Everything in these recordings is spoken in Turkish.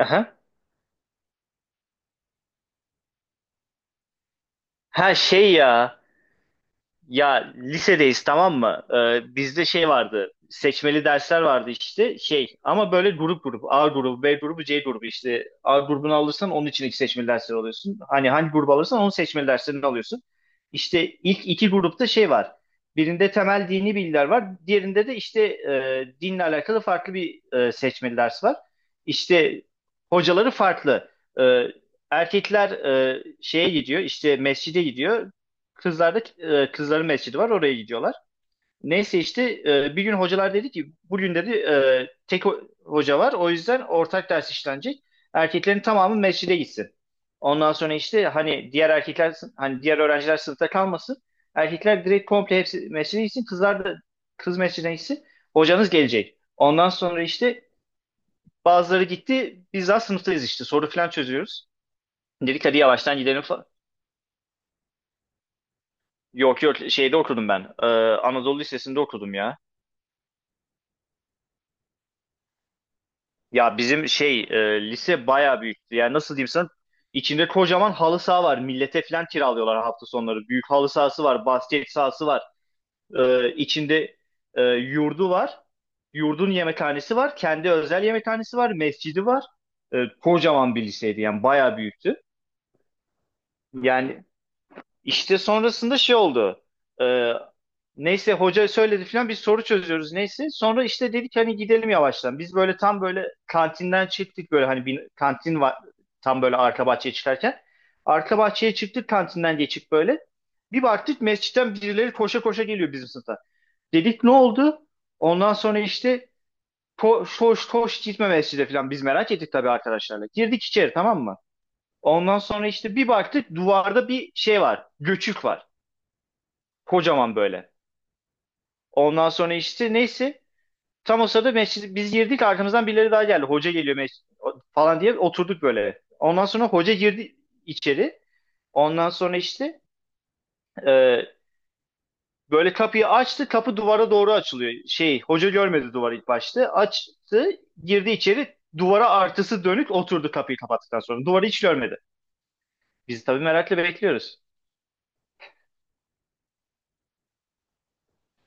Aha. Ha şey ya. Ya lisedeyiz, tamam mı? Bizde şey vardı. Seçmeli dersler vardı işte şey, ama böyle grup grup A grubu B grubu C grubu işte A grubunu alırsan onun için iki seçmeli dersleri alıyorsun. Hani hangi grubu alırsan onun seçmeli derslerini alıyorsun. İşte ilk iki grupta şey var. Birinde temel dini bilgiler var. Diğerinde de işte dinle alakalı farklı bir seçmeli ders var. İşte hocaları farklı. E, Erkekler şeye gidiyor, işte mescide gidiyor. Kızlarda kızların mescidi var, oraya gidiyorlar. Neyse işte bir gün hocalar dedi ki bugün dedi tek hoca var, o yüzden ortak ders işlenecek. Erkeklerin tamamı mescide gitsin. Ondan sonra işte hani diğer erkekler hani diğer öğrenciler sınıfta kalmasın. Erkekler direkt komple hepsi mescide gitsin. Kızlar da kız mescidine gitsin. Hocanız gelecek. Ondan sonra işte bazıları gitti. Biz daha sınıftayız işte. Soru falan çözüyoruz. Dedik hadi yavaştan gidelim falan. Yok yok, şeyde okudum ben. Anadolu Lisesi'nde okudum ya. Ya bizim şey lise bayağı büyüktü. Yani nasıl diyeyim sana? İçinde kocaman halı saha var. Millete falan kiralıyorlar hafta sonları. Büyük halı sahası var, basket sahası var. İçinde yurdu var. Yurdun yemekhanesi var. Kendi özel yemekhanesi var. Mescidi var. Kocaman bir liseydi, yani bayağı büyüktü. Yani işte sonrasında şey oldu. Ee, Neyse, hoca söyledi falan, biz soru çözüyoruz neyse. Sonra işte dedik hani gidelim yavaştan. Biz böyle tam böyle kantinden çıktık böyle, hani bir kantin var tam böyle arka bahçeye çıkarken. Arka bahçeye çıktık kantinden geçip böyle. Bir baktık mescitten birileri koşa koşa geliyor bizim sınıfa. Dedik, ne oldu? Ondan sonra işte koş koş koş, gitme mescide falan, biz merak ettik tabii arkadaşlarla. Girdik içeri, tamam mı? Ondan sonra işte bir baktık duvarda bir şey var. Göçük var. Kocaman böyle. Ondan sonra işte neyse. Tam o sırada mescid, biz girdik, arkamızdan birileri daha geldi. Hoca geliyor mescid falan diye oturduk böyle. Ondan sonra hoca girdi içeri. Ondan sonra işte e, böyle kapıyı açtı. Kapı duvara doğru açılıyor. Şey hoca görmedi duvarı ilk başta. Açtı, girdi içeri. Duvara artısı dönük oturdu, kapıyı kapattıktan sonra. Duvarı hiç görmedi. Biz tabii merakla bekliyoruz.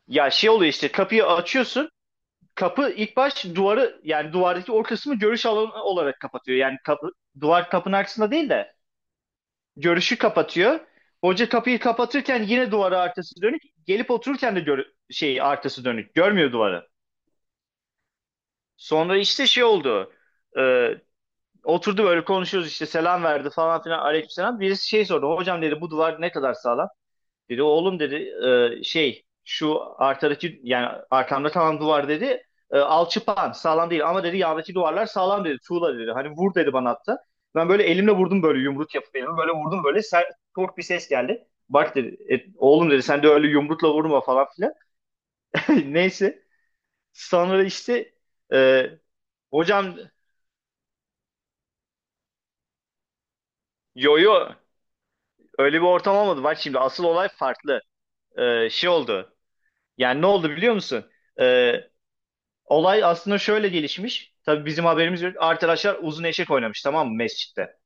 Ya şey oluyor işte, kapıyı açıyorsun. Kapı ilk baş duvarı yani duvardaki o kısmı görüş alanı olarak kapatıyor. Yani kapı, duvar kapının arkasında değil de görüşü kapatıyor. Hoca kapıyı kapatırken yine duvara arkası dönük. Gelip otururken de şey arkası dönük. Görmüyor duvarı. Sonra işte şey oldu. Ee, Oturdu böyle, konuşuyoruz işte, selam verdi falan filan, aleykümselam. Birisi şey sordu. Hocam dedi, bu duvar ne kadar sağlam? Dedi oğlum dedi şey şu arkadaki yani arkamda, tamam duvar dedi. Alçıpan sağlam değil ama dedi, yandaki duvarlar sağlam dedi. Tuğla dedi. Hani vur dedi bana hatta. Ben böyle elimle vurdum böyle, yumruk yapıp elimi böyle vurdum, böyle sert tok bir ses geldi. Bak dedi, " oğlum dedi sen de öyle yumrukla vurma falan filan. Neyse, sonra işte e, hocam, yo yo, öyle bir ortam olmadı. Bak şimdi, asıl olay farklı. Şey oldu. Yani ne oldu biliyor musun? E, Olay aslında şöyle gelişmiş. Tabii bizim haberimiz yok. Arkadaşlar uzun eşek oynamış, tamam mı, mescitte.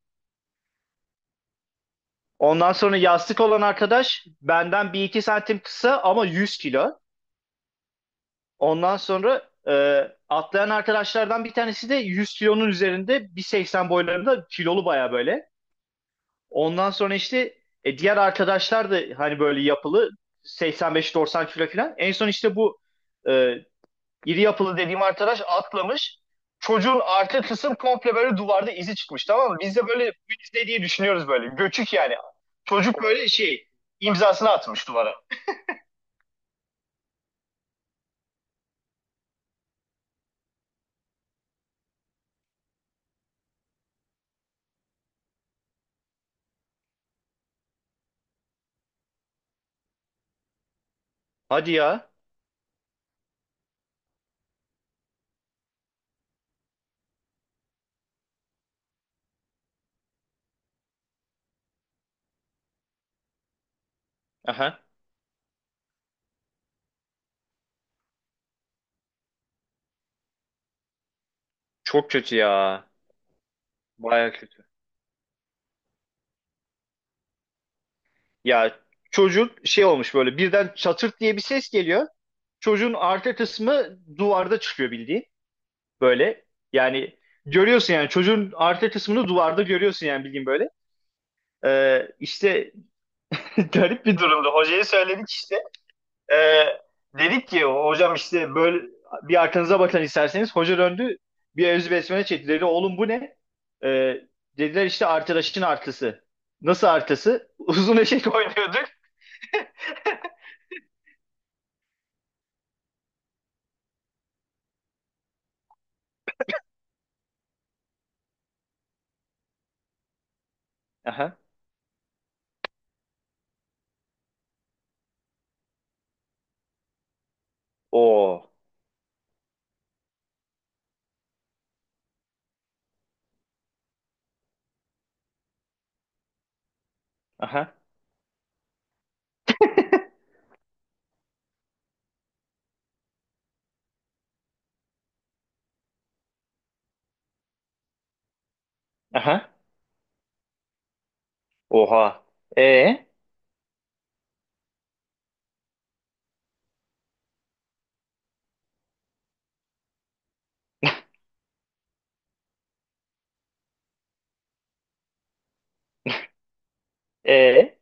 Ondan sonra yastık olan arkadaş benden bir iki santim kısa, ama 100 kilo. Ondan sonra e, atlayan arkadaşlardan bir tanesi de 100 kilonun üzerinde, 1,80 boylarında, kilolu baya böyle. Ondan sonra işte diğer arkadaşlar da hani böyle yapılı, 85-90 kilo falan. En son işte bu e, İri yapılı dediğim arkadaş atlamış. Çocuğun arka kısım komple böyle duvarda izi çıkmış, tamam mı? Biz de böyle bu iz ne diye düşünüyoruz böyle. Göçük yani. Çocuk böyle şey imzasını atmış duvara. Hadi ya. Aha. Çok kötü ya. Baya kötü. Ya çocuk şey olmuş böyle, birden çatırt diye bir ses geliyor. Çocuğun arka kısmı duvarda çıkıyor bildiğin. Böyle yani, görüyorsun yani, çocuğun arka kısmını duvarda görüyorsun yani bildiğin böyle. İşte garip bir durumdu. Hocaya söyledik işte. Ee, Dedik ki hocam işte, böyle bir arkanıza bakın isterseniz. Hoca döndü, bir evzi besmele çekti. Dedi, oğlum bu ne? Ee, Dediler işte arkadaşın artısı. Nasıl artısı? Uzun eşek oynuyorduk. Aha. Oo. Aha. Aha. Oha. E e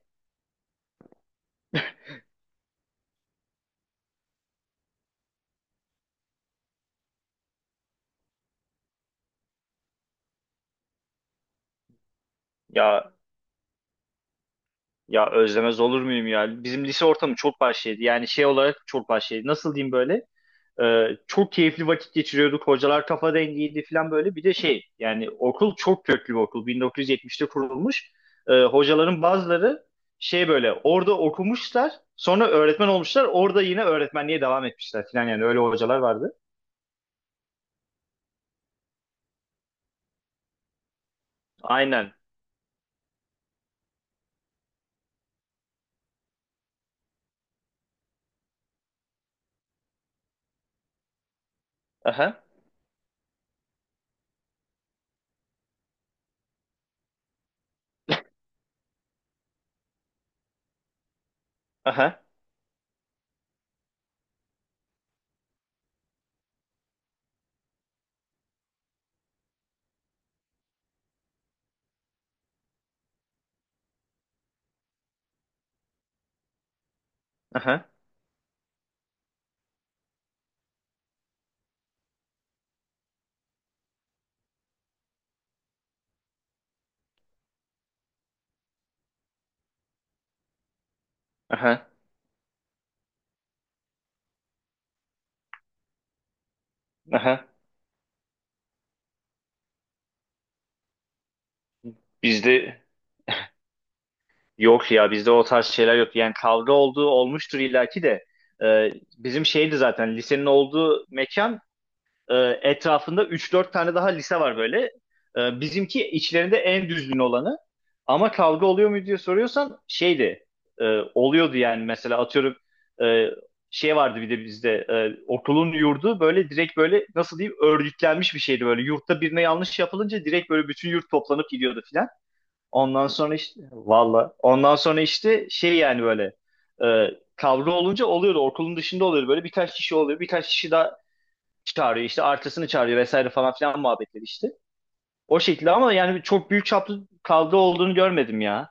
Ya ya özlemez olur muyum ya? Bizim lise ortamı çok vahşiydi. Yani şey olarak çok vahşiydi. Nasıl diyeyim böyle? Çok keyifli vakit geçiriyorduk. Hocalar kafa dengiydi falan böyle. Bir de şey, yani okul çok köklü bir okul. 1970'te kurulmuş. Hocaların bazıları şey böyle orada okumuşlar. Sonra öğretmen olmuşlar. Orada yine öğretmenliğe devam etmişler falan, yani öyle hocalar vardı. Aynen. Aha. Aha. Aha. Aha. Aha. Bizde yok ya, bizde o tarz şeyler yok. Yani kavga olduğu olmuştur illaki de. Ee, Bizim şeydi zaten, lisenin olduğu mekan, E, etrafında üç dört tane daha lise var böyle. Bizimki içlerinde en düzgün olanı. Ama kavga oluyor mu diye soruyorsan şeydi e, oluyordu yani, mesela atıyorum e, şey vardı bir de bizde okulun yurdu böyle direkt böyle nasıl diyeyim, örgütlenmiş bir şeydi böyle, yurtta birine yanlış yapılınca direkt böyle bütün yurt toplanıp gidiyordu filan. Ondan sonra işte valla, ondan sonra işte şey yani böyle e, kavga olunca oluyordu, okulun dışında oluyordu, böyle birkaç kişi oluyor birkaç kişi daha çağırıyor işte artısını çağırıyor vesaire falan filan muhabbetleri işte. O şekilde, ama yani çok büyük çaplı kavga olduğunu görmedim ya.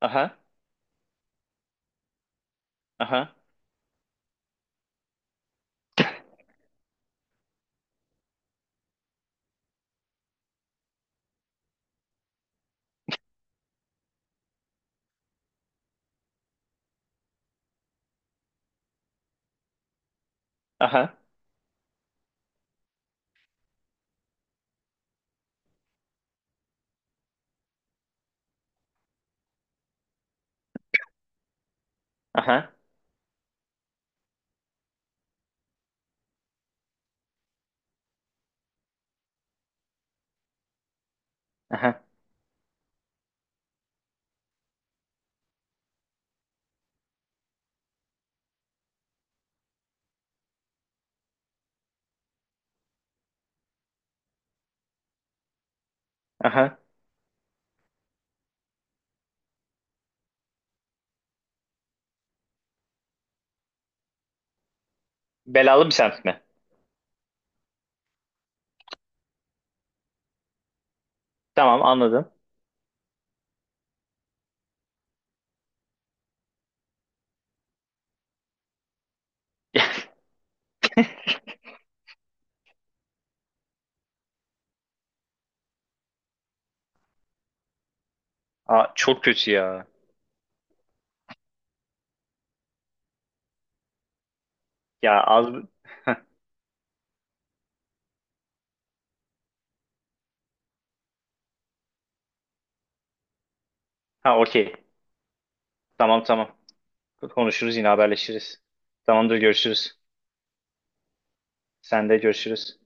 Aha, aha, aha, aha, aha, aha. Belalı bir semt mi? Tamam, anladım. Aa, çok kötü ya. Ya az. Ha, okey. Tamam tamam. Konuşuruz, yine haberleşiriz. Tamamdır, görüşürüz. Sen de, görüşürüz.